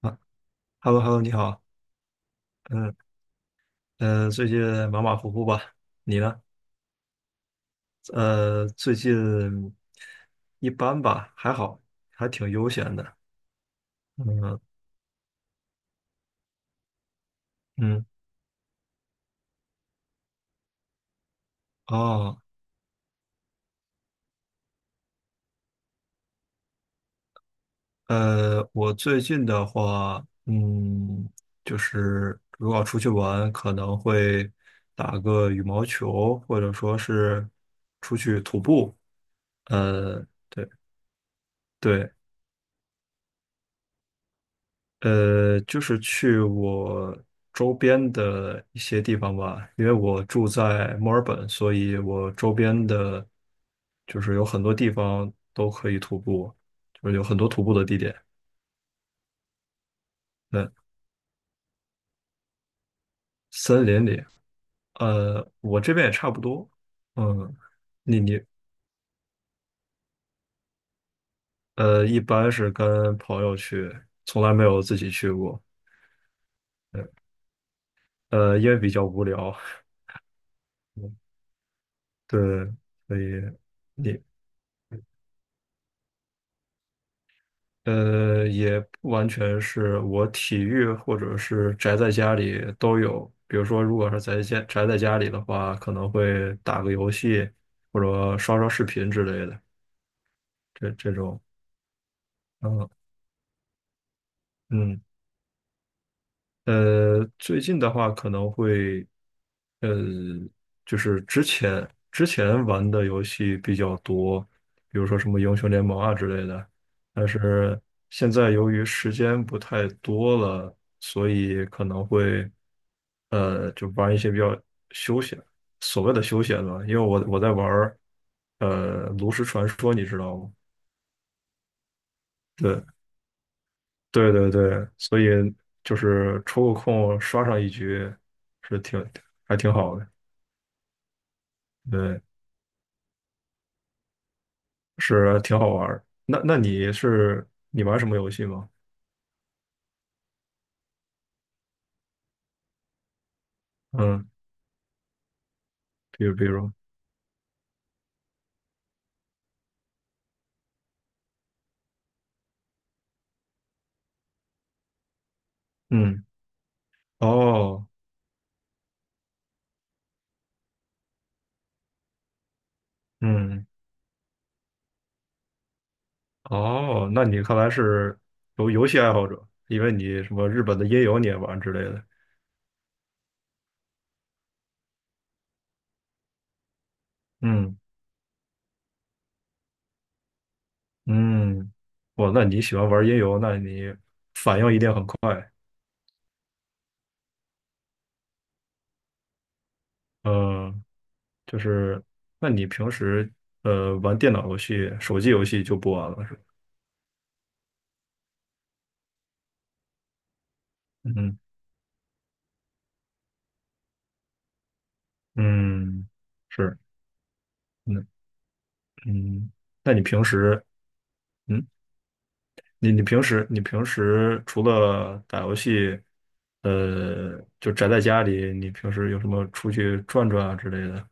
啊，Hello Hello，你好，嗯，最近马马虎虎吧？你呢？最近一般吧，还好，还挺悠闲的。嗯嗯，哦，我最近的话，就是如果要出去玩，可能会打个羽毛球，或者说是出去徒步。对。对，就是去我周边的一些地方吧，因为我住在墨尔本，所以我周边的，就是有很多地方都可以徒步，就是有很多徒步的地点。嗯，森林里，我这边也差不多。嗯，你你呃，一般是跟朋友去，从来没有自己去过。嗯，因为比较无聊。对，所以。你。也不完全是我体育或者是宅在家里都有。比如说，如果是宅在家里的话，可能会打个游戏，或者刷刷视频之类的，这种。嗯嗯。最近的话可能会，呃，就是之前玩的游戏比较多，比如说什么英雄联盟啊之类的。但是现在由于时间不太多了，所以可能会，就玩一些比较休闲，所谓的休闲吧。因为我在玩儿炉石传说，你知道吗？对。对对对，所以就是抽个空刷上一局，是挺还挺好的，对，是挺好玩儿。那你玩什么游戏吗？嗯，比如，嗯，哦，嗯，哦，那你看来是游戏爱好者，因为你什么日本的音游你也玩之类的，嗯嗯，哇，那你喜欢玩音游，那你反应一定很快，嗯。就是，那你平时玩电脑游戏、手机游戏就不玩了是吧？嗯嗯，是，那，嗯，那你平时嗯，你平时除了打游戏，就宅在家里，你平时有什么出去转转啊之类的？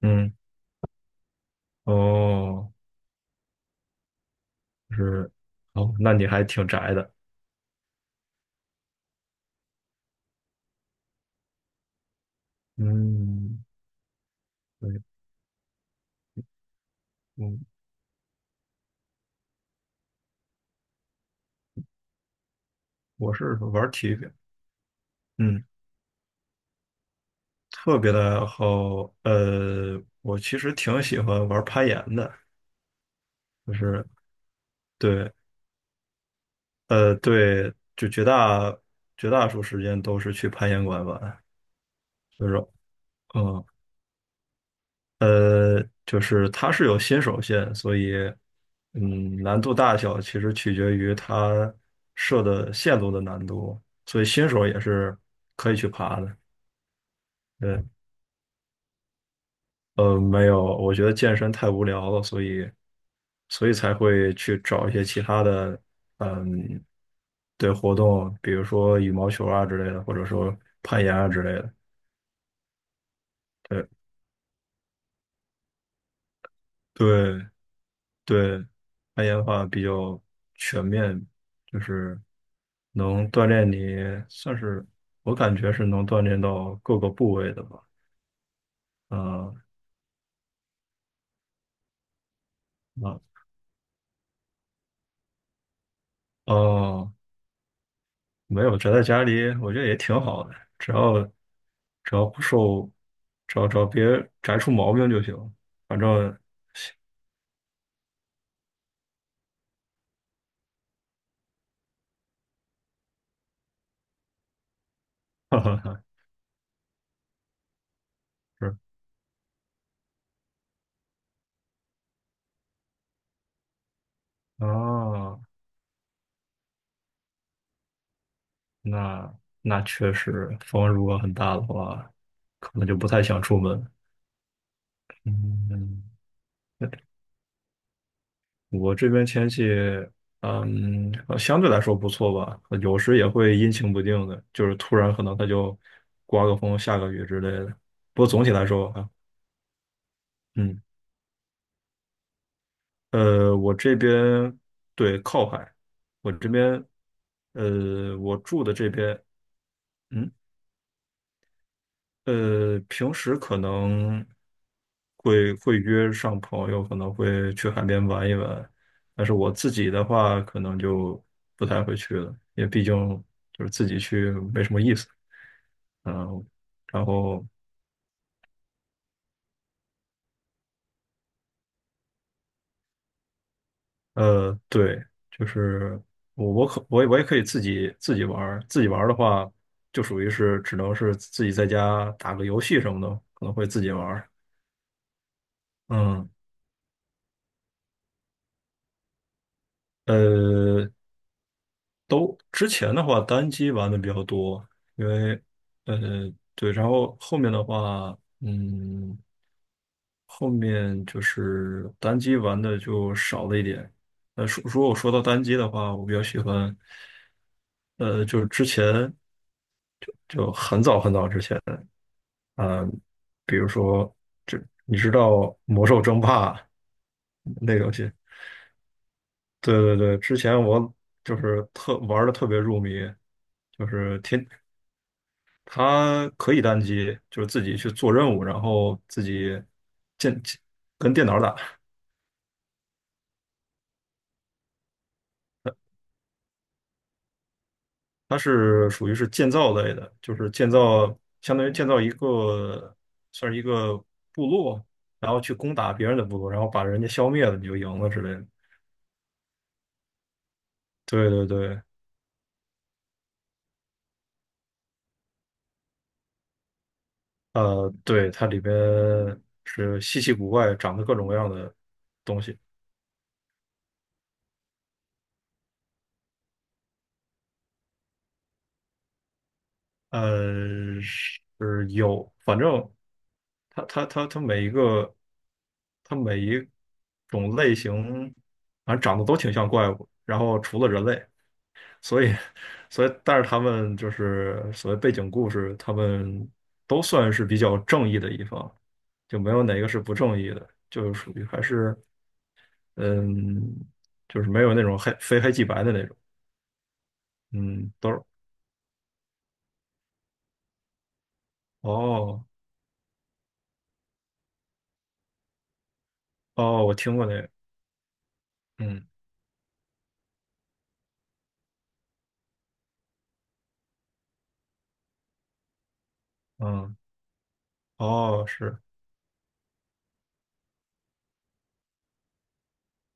嗯，哦，是，哦，那你还挺宅的。嗯，对，嗯，我是玩体育，嗯。特别的好，我其实挺喜欢玩攀岩的，就是对，对，就绝大多数时间都是去攀岩馆玩，就是嗯，就是它是有新手线，所以难度大小其实取决于它设的线路的难度，所以新手也是可以去爬的，对，没有，我觉得健身太无聊了，所以才会去找一些其他的，嗯，对活动，比如说羽毛球啊之类的，或者说攀岩啊之类的。对对对，攀岩的话比较全面，就是能锻炼你，算是我感觉是能锻炼到各个部位的吧。嗯，啊，哦。没有，宅在家里，我觉得也挺好的，只要不受，只要别宅出毛病就行。反正，哈哈哈，是啊，那那确实，风如果很大的话，可能就不太想出门。嗯，我这边天气，相对来说不错吧，有时也会阴晴不定的，就是突然可能它就刮个风、下个雨之类的。不过总体来说，啊，嗯。我这边对靠海，我这边我住的这边，嗯，平时可能会约上朋友，可能会去海边玩一玩，但是我自己的话，可能就不太会去了，因为毕竟就是自己去没什么意思，嗯，然后对，就是我也可以自己玩儿，自己玩儿的话，就属于是只能是自己在家打个游戏什么的，可能会自己玩儿嗯，呃，都之前的话单机玩的比较多，因为呃对，然后后面的话，后面就是单机玩的就少了一点。如果说到单机的话，我比较喜欢，就是之前。就很早很早之前，嗯，比如说，你知道《魔兽争霸》那个游戏？对对对，之前我就是特玩的特别入迷，就是天，它可以单机，就是自己去做任务，然后自己建跟电脑打。它是属于是建造类的，就是建造，相当于建造一个算是一个部落，然后去攻打别人的部落，然后把人家消灭了，你就赢了之类的。对对对，对，它里边是稀奇古怪，长得各种各样的东西。是有，反正它每一个，它每一种类型，反正长得都挺像怪物。然后除了人类，所以所以，但是他们就是所谓背景故事，他们都算是比较正义的一方，就没有哪个是不正义的，就是属于还是。嗯，就是没有那种非黑即白的那种，嗯，都是，哦哦，我听过那个，嗯嗯，哦是，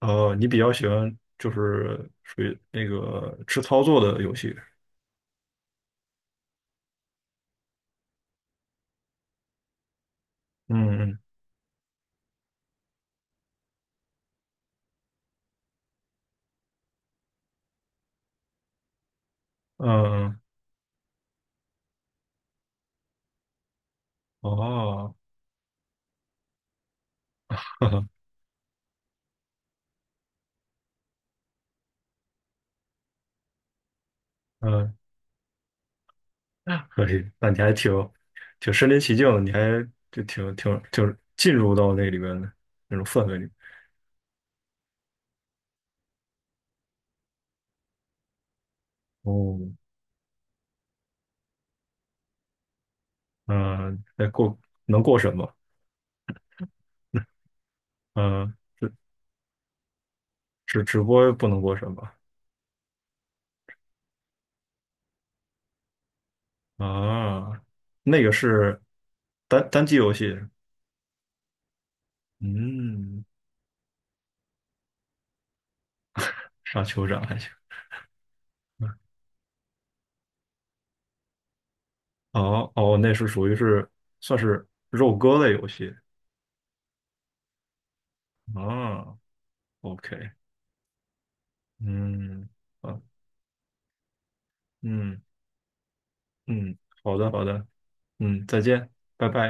哦，你比较喜欢就是属于那个吃操作的游戏，嗯嗯嗯，哦，呵呵，嗯，可以，那你还挺身临其境的，你还就挺就是进入到那里边的那种氛围里，哦，嗯，那能过审吗？嗯，直播不能过审吧？啊，那个是单机游戏，嗯，杀酋长还行。哦哦，那是属于是算是肉鸽类游戏啊。OK，嗯，啊，嗯嗯，好的好的，嗯，再见，拜拜。